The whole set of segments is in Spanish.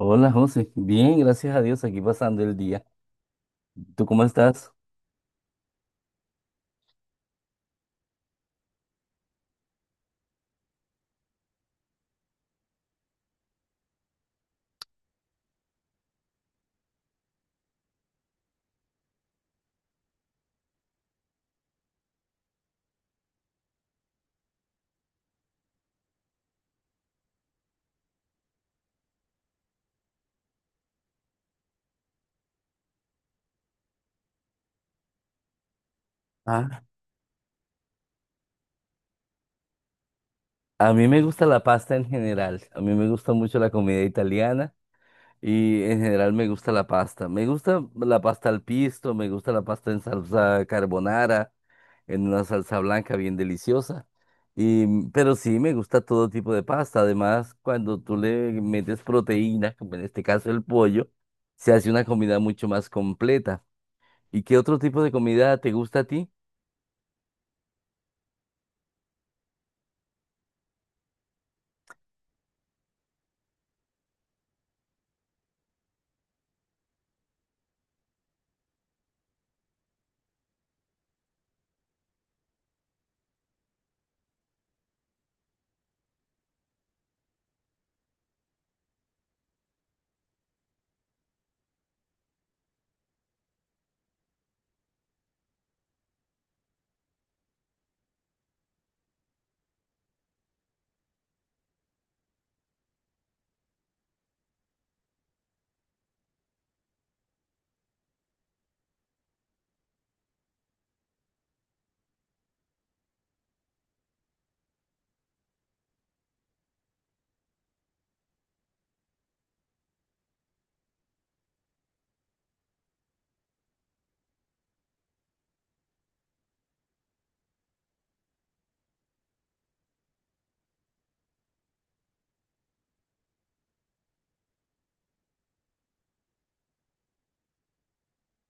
Hola José, bien, gracias a Dios, aquí pasando el día. ¿Tú cómo estás? Ah, a mí me gusta la pasta en general, a mí me gusta mucho la comida italiana y en general me gusta la pasta. Me gusta la pasta al pisto, me gusta la pasta en salsa carbonara, en una salsa blanca bien deliciosa. Pero sí, me gusta todo tipo de pasta. Además, cuando tú le metes proteína, como en este caso el pollo, se hace una comida mucho más completa. ¿Y qué otro tipo de comida te gusta a ti?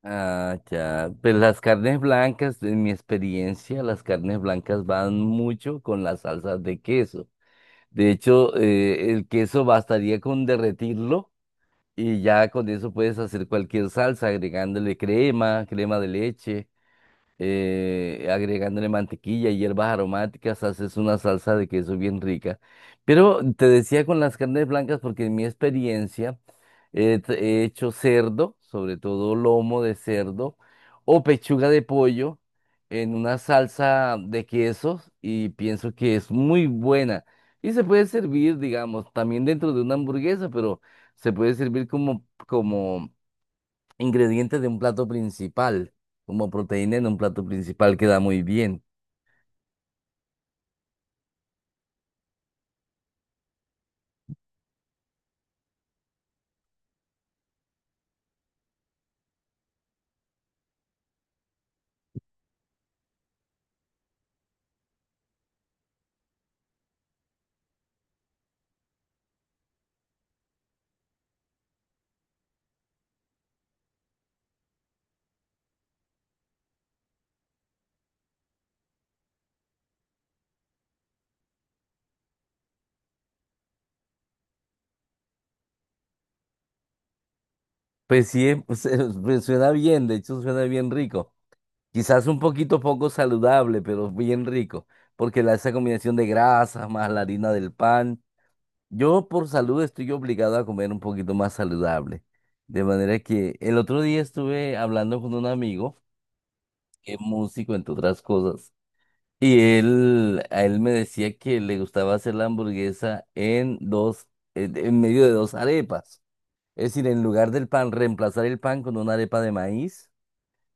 Ah, ya. Pues las carnes blancas, en mi experiencia, las carnes blancas van mucho con las salsas de queso. De hecho, el queso bastaría con derretirlo y ya con eso puedes hacer cualquier salsa, agregándole crema, crema de leche, agregándole mantequilla y hierbas aromáticas, haces una salsa de queso bien rica. Pero te decía con las carnes blancas, porque en mi experiencia eh, t- he hecho cerdo, sobre todo lomo de cerdo, o pechuga de pollo en una salsa de quesos y pienso que es muy buena. Y se puede servir, digamos, también dentro de una hamburguesa, pero se puede servir como ingredientes de un plato principal, como proteína en un plato principal queda muy bien. Pues sí, pues suena bien, de hecho suena bien rico. Quizás un poquito poco saludable, pero bien rico, porque esa combinación de grasas más la harina del pan. Yo por salud estoy obligado a comer un poquito más saludable. De manera que el otro día estuve hablando con un amigo que es músico, entre otras cosas. A él me decía que le gustaba hacer la hamburguesa en dos, en medio de dos arepas. Es decir, en lugar del pan, reemplazar el pan con una arepa de maíz,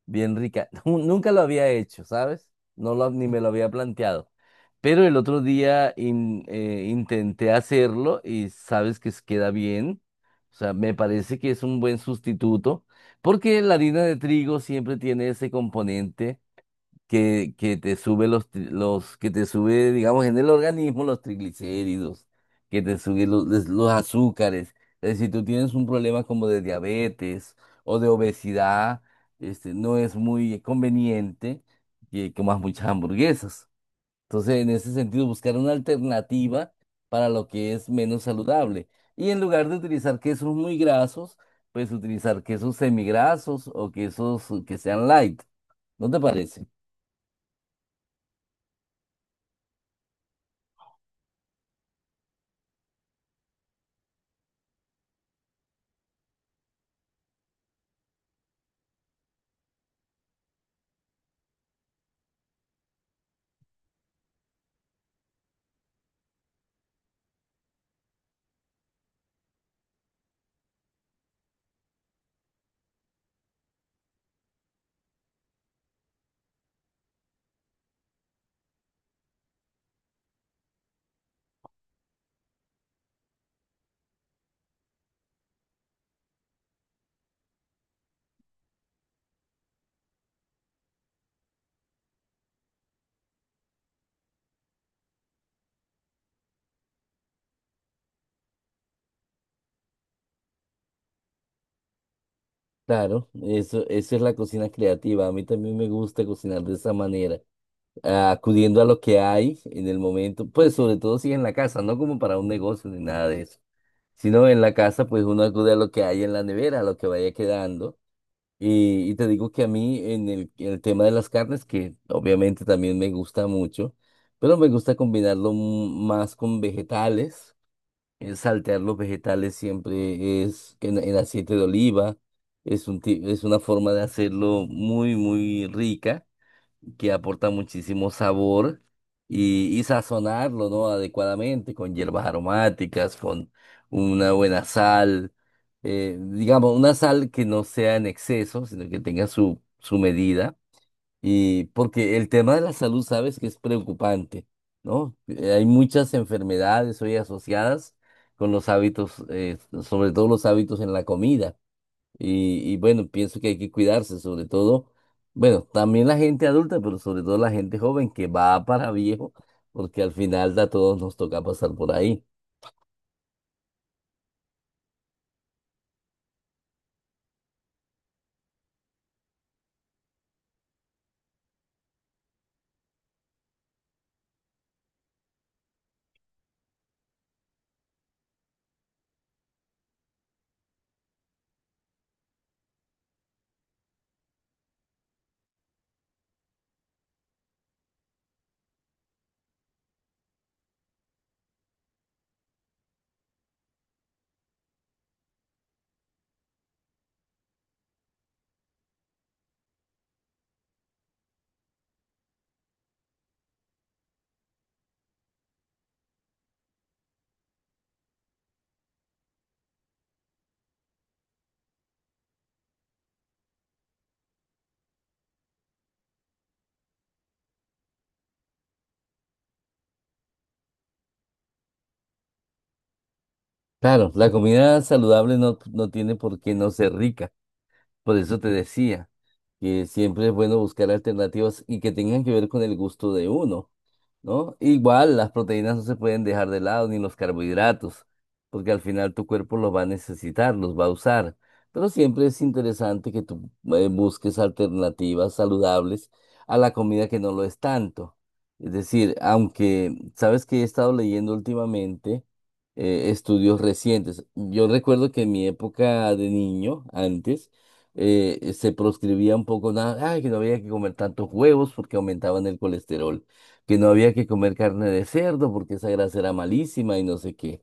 bien rica. Nunca lo había hecho, ¿sabes? Ni me lo había planteado. Pero el otro día intenté hacerlo y sabes que queda bien. O sea, me parece que es un buen sustituto porque la harina de trigo siempre tiene ese componente que te sube que te sube, digamos, en el organismo los triglicéridos, que te sube los azúcares. Es decir, si tú tienes un problema como de diabetes o de obesidad, este, no es muy conveniente que comas muchas hamburguesas. Entonces, en ese sentido, buscar una alternativa para lo que es menos saludable. Y en lugar de utilizar quesos muy grasos, pues utilizar quesos semigrasos o quesos que sean light. ¿No te parece? Claro, eso es la cocina creativa. A mí también me gusta cocinar de esa manera, ah, acudiendo a lo que hay en el momento, pues sobre todo si en la casa, no como para un negocio ni nada de eso, sino en la casa, pues uno acude a lo que hay en la nevera, a lo que vaya quedando. Y te digo que a mí en el tema de las carnes, que obviamente también me gusta mucho, pero me gusta más con vegetales, saltear los vegetales siempre es en aceite de oliva. Es es una forma de hacerlo muy, muy rica, que aporta muchísimo sabor y sazonarlo, ¿no?, adecuadamente con hierbas aromáticas, con una buena sal, digamos, una sal que no sea en exceso, sino que tenga su medida. Y porque el tema de la salud, sabes que es preocupante, ¿no? Hay muchas enfermedades hoy asociadas con los hábitos, sobre todo los hábitos en la comida. Y bueno, pienso que hay que cuidarse, sobre todo, bueno, también la gente adulta, pero sobre todo la gente joven que va para viejo, porque al final a todos nos toca pasar por ahí. Claro, la comida saludable no tiene por qué no ser rica, por eso te decía que siempre es bueno buscar alternativas y que tengan que ver con el gusto de uno, ¿no? Igual las proteínas no se pueden dejar de lado, ni los carbohidratos, porque al final tu cuerpo los va a necesitar, los va a usar. Pero siempre es interesante que tú busques alternativas saludables a la comida que no lo es tanto. Es decir, aunque sabes que he estado leyendo últimamente estudios recientes. Yo recuerdo que en mi época de niño, antes, se proscribía un poco nada, ay, que no había que comer tantos huevos porque aumentaban el colesterol, que no había que comer carne de cerdo porque esa grasa era malísima y no sé qué.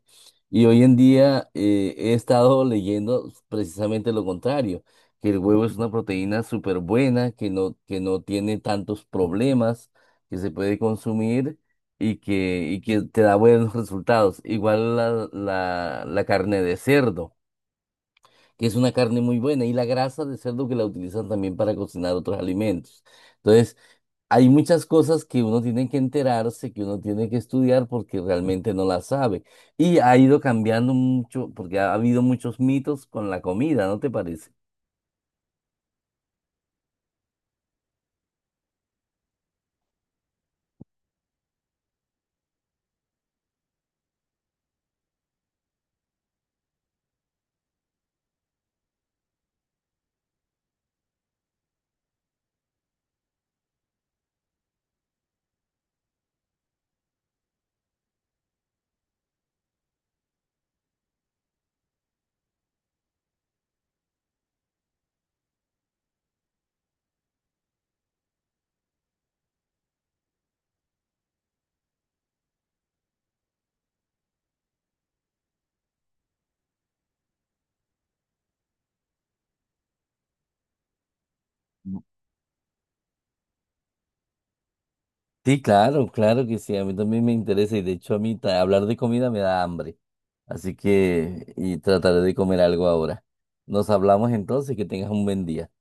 Y hoy en día he estado leyendo precisamente lo contrario, que el huevo es una proteína súper buena, que no tiene tantos problemas, que se puede consumir y que te da buenos resultados. Igual la carne de cerdo, que es una carne muy buena, y la grasa de cerdo que la utilizan también para cocinar otros alimentos. Entonces, hay muchas cosas que uno tiene que enterarse, que uno tiene que estudiar porque realmente no las sabe. Y ha ido cambiando mucho porque ha habido muchos mitos con la comida, ¿no te parece? Sí, claro, claro que sí, a mí también me interesa y de hecho a mí hablar de comida me da hambre, así que trataré de comer algo ahora. Nos hablamos entonces, que tengas un buen día.